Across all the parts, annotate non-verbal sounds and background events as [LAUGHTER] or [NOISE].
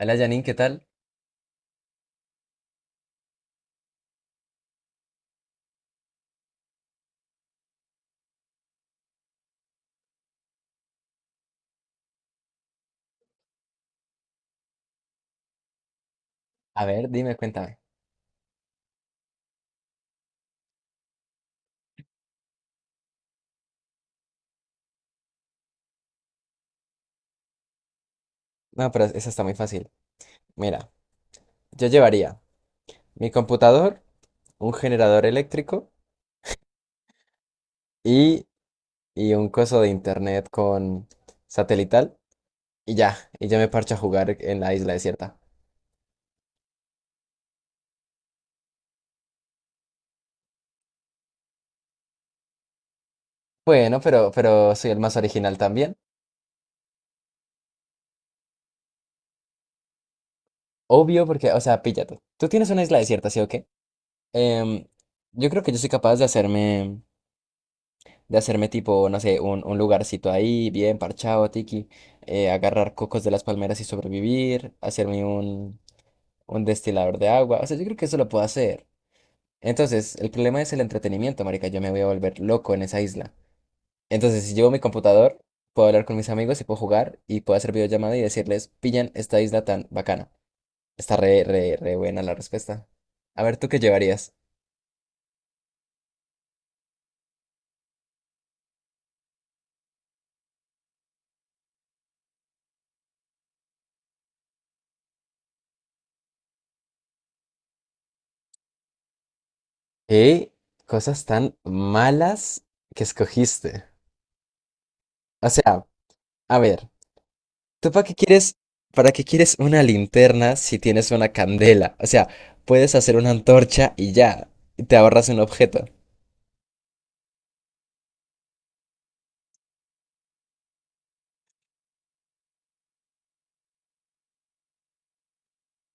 Hola Janine, ¿qué tal? A ver, dime, cuéntame. No, pero esa está muy fácil. Mira, yo llevaría mi computador, un generador eléctrico y, y un coso de internet con satelital y ya, y yo me parcho a jugar en la isla desierta. Bueno, pero soy el más original también. Obvio, porque, o sea, píllate. Tú tienes una isla desierta, ¿sí o qué? Em, yo creo que yo soy capaz de hacerme tipo, no sé, un lugarcito ahí, bien parchado, tiki, agarrar cocos de las palmeras y sobrevivir, hacerme un destilador de agua, o sea, yo creo que eso lo puedo hacer. Entonces, el problema es el entretenimiento, marica, yo me voy a volver loco en esa isla. Entonces, si llevo mi computador, puedo hablar con mis amigos y puedo jugar y puedo hacer videollamada y decirles, pillan esta isla tan bacana. Está re, re, re buena la respuesta. A ver, ¿tú qué llevarías? ¿Qué cosas tan malas que escogiste? O sea, a ver. ¿Tú para qué quieres una linterna si tienes una candela? O sea, puedes hacer una antorcha y ya, y te ahorras un objeto.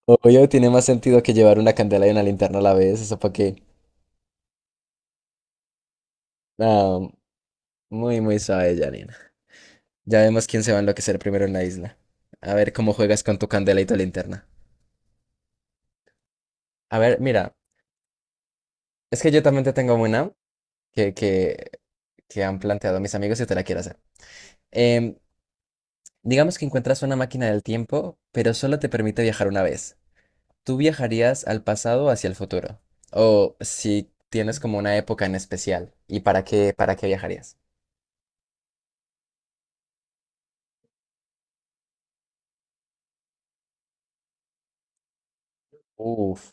Obvio, tiene más sentido que llevar una candela y una linterna a la vez, eso para qué. No, muy, muy suave, Janina. Ya vemos quién se va a enloquecer primero en la isla. A ver cómo juegas con tu candela y tu linterna. A ver, mira, es que yo también te tengo una que, que, que han planteado mis amigos y te la quiero hacer. Em, digamos que encuentras una máquina del tiempo, pero solo te permite viajar una vez. ¿Tú viajarías al pasado o hacia el futuro? O si tienes como una época en especial, ¿y para qué viajarías? Uf,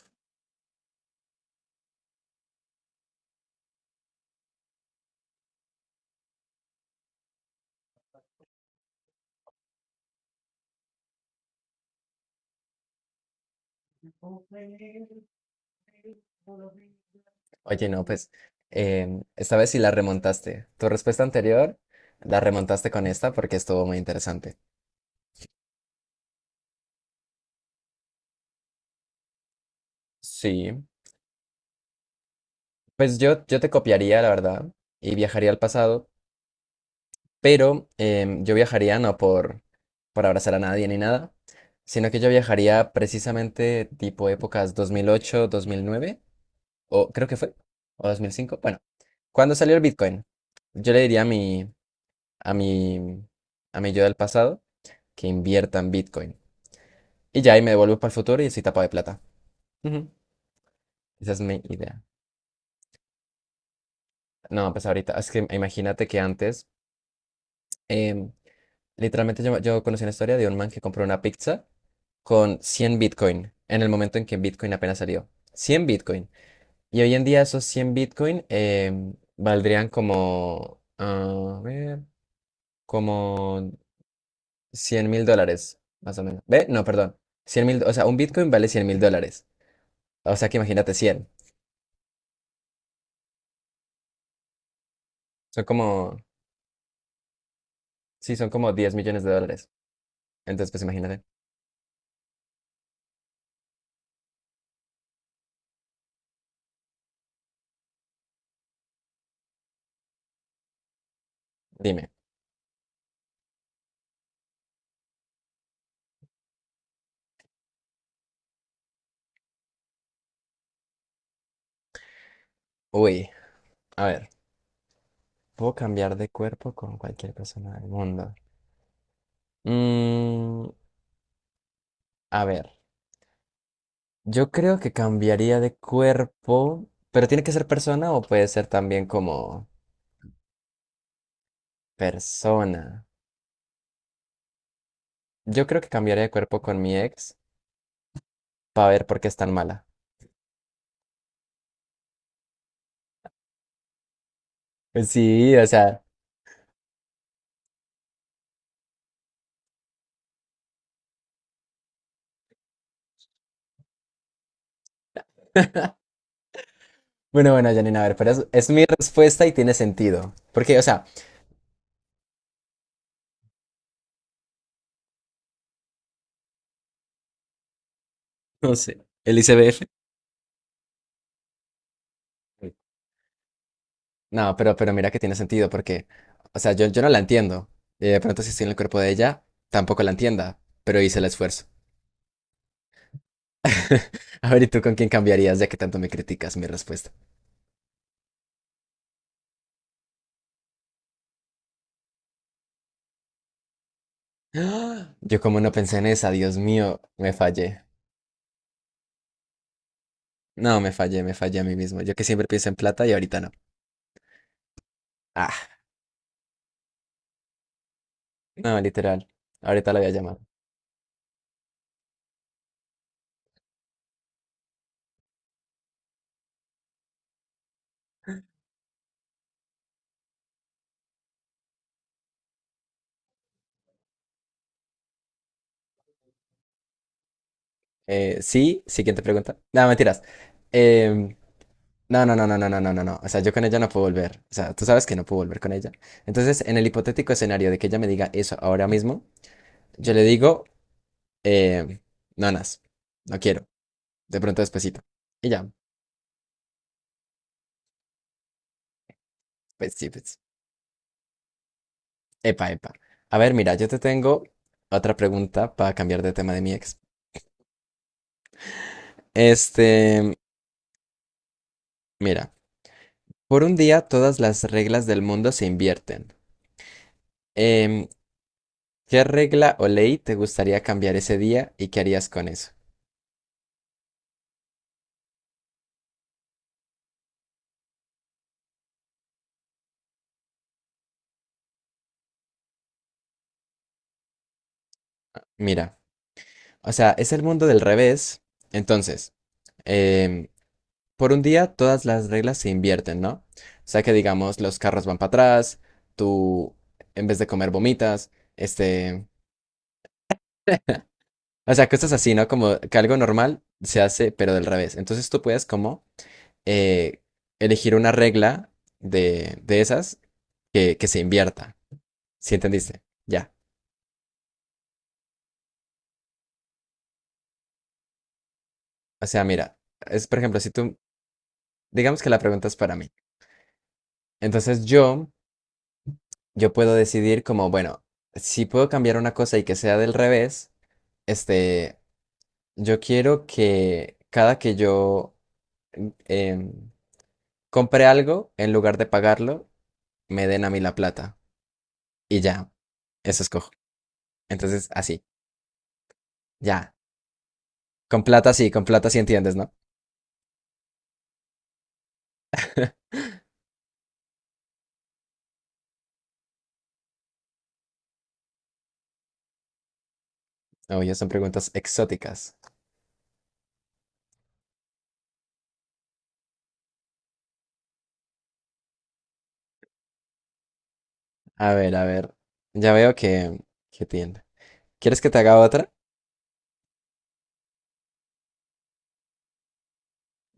oye, no, pues esta vez sí la remontaste. Tu respuesta anterior la remontaste con esta porque estuvo muy interesante. Sí, pues yo te copiaría, la verdad, y viajaría al pasado, pero yo viajaría no por abrazar a nadie ni nada, sino que yo viajaría precisamente tipo épocas 2008, 2009 o creo que fue, o 2005. Bueno, cuando salió el Bitcoin, yo le diría a mi, a mi yo del pasado que invierta en Bitcoin. Y ya ahí me devuelvo para el futuro y estoy tapado de plata. Ujú. Esa es mi idea. No, pues ahorita, es que imagínate que antes, em, literalmente yo conocí una historia de un man que compró una pizza con 100 Bitcoin en el momento en que Bitcoin apenas salió. 100 Bitcoin. Y hoy en día esos 100 Bitcoin valdrían como, a ver, como $100.000, más o menos. ¿Ve? No, perdón. 100.000, o sea, un Bitcoin vale $100.000. O sea que imagínate. Cien Son como, sí, son como $10 millones. Entonces, pues imagínate. Dime. Uy, a ver. ¿Puedo cambiar de cuerpo con cualquier persona del mundo? Mm, a ver. Yo creo que cambiaría de cuerpo, pero tiene que ser persona o puede ser también como persona. Yo creo que cambiaría de cuerpo con mi ex para ver por qué es tan mala. Sí, o sea. Bueno, bueno, Janina, a ver, pero es mi respuesta y tiene sentido. Porque, o sea, no sé. El ICBF. No, pero mira que tiene sentido, porque, o sea, yo no la entiendo. Y de pronto, si estoy en el cuerpo de ella, tampoco la entienda, pero hice el esfuerzo. [LAUGHS] A ver, ¿y tú con quién cambiarías, ya que tanto me criticas mi respuesta? ¡Ah! Yo, como no pensé en esa, Dios mío, me fallé. No, me fallé a mí mismo. Yo que siempre pienso en plata y ahorita no. Ah, no, literal. Ahorita la voy a llamar. Sí, siguiente pregunta. No, mentiras. Em, No, no, no, no, no, no, no, no, no. O sea, yo con ella no puedo volver. O sea, tú sabes que no puedo volver con ella. Entonces, en el hipotético escenario de que ella me diga eso ahora mismo, yo le digo, eh, nonas, no quiero. De pronto despacito. Y ya, pues sí, pues. Epa, epa. A ver, mira, yo te tengo otra pregunta para cambiar de tema de mi ex. Este, mira, por un día todas las reglas del mundo se invierten. Em, ¿Qué regla o ley te gustaría cambiar ese día y qué harías con eso? Mira. O sea, es el mundo del revés. Entonces, em, por un día todas las reglas se invierten, ¿no? O sea que digamos, los carros van para atrás, tú en vez de comer vomitas, este... o sea, cosas así, ¿no? Como que algo normal se hace, pero del revés. Entonces tú puedes como eh, elegir una regla de esas que se invierta. ¿Sí entendiste? Ya. O sea, mira, es por ejemplo, si tú, digamos que la pregunta es para mí. Entonces yo puedo decidir como, bueno, si puedo cambiar una cosa y que sea del revés, este, yo quiero que cada que yo mm, em, compre algo, en lugar de pagarlo, me den a mí la plata. Y ya, eso escojo. Entonces, así, ya. Con plata sí entiendes, ¿no? [LAUGHS] Oye, son preguntas exóticas. A ver, a ver. Ya veo que, tiende. ¿Quieres que te haga otra?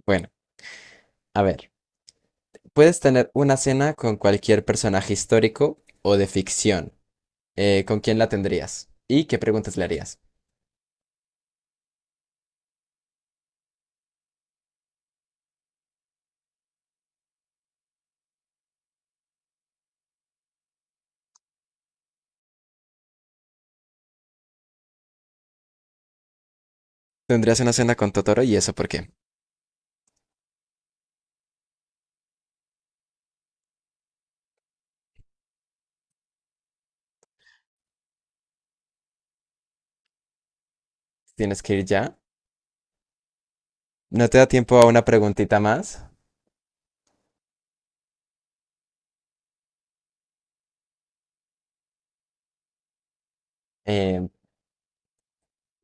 Bueno, a ver. Puedes tener una cena con cualquier personaje histórico o de ficción. ¿Con quién la tendrías? ¿Y qué preguntas le harías? ¿Tendrías una cena con Totoro y eso por qué? ¿Tienes que ir ya? ¿No te da tiempo a una preguntita más? Eh,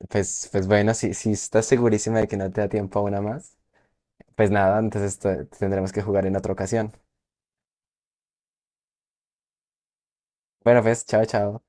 pues bueno, si estás segurísima de que no te da tiempo a una más, pues nada, entonces tendremos que jugar en otra ocasión. Bueno, pues, chao, chao.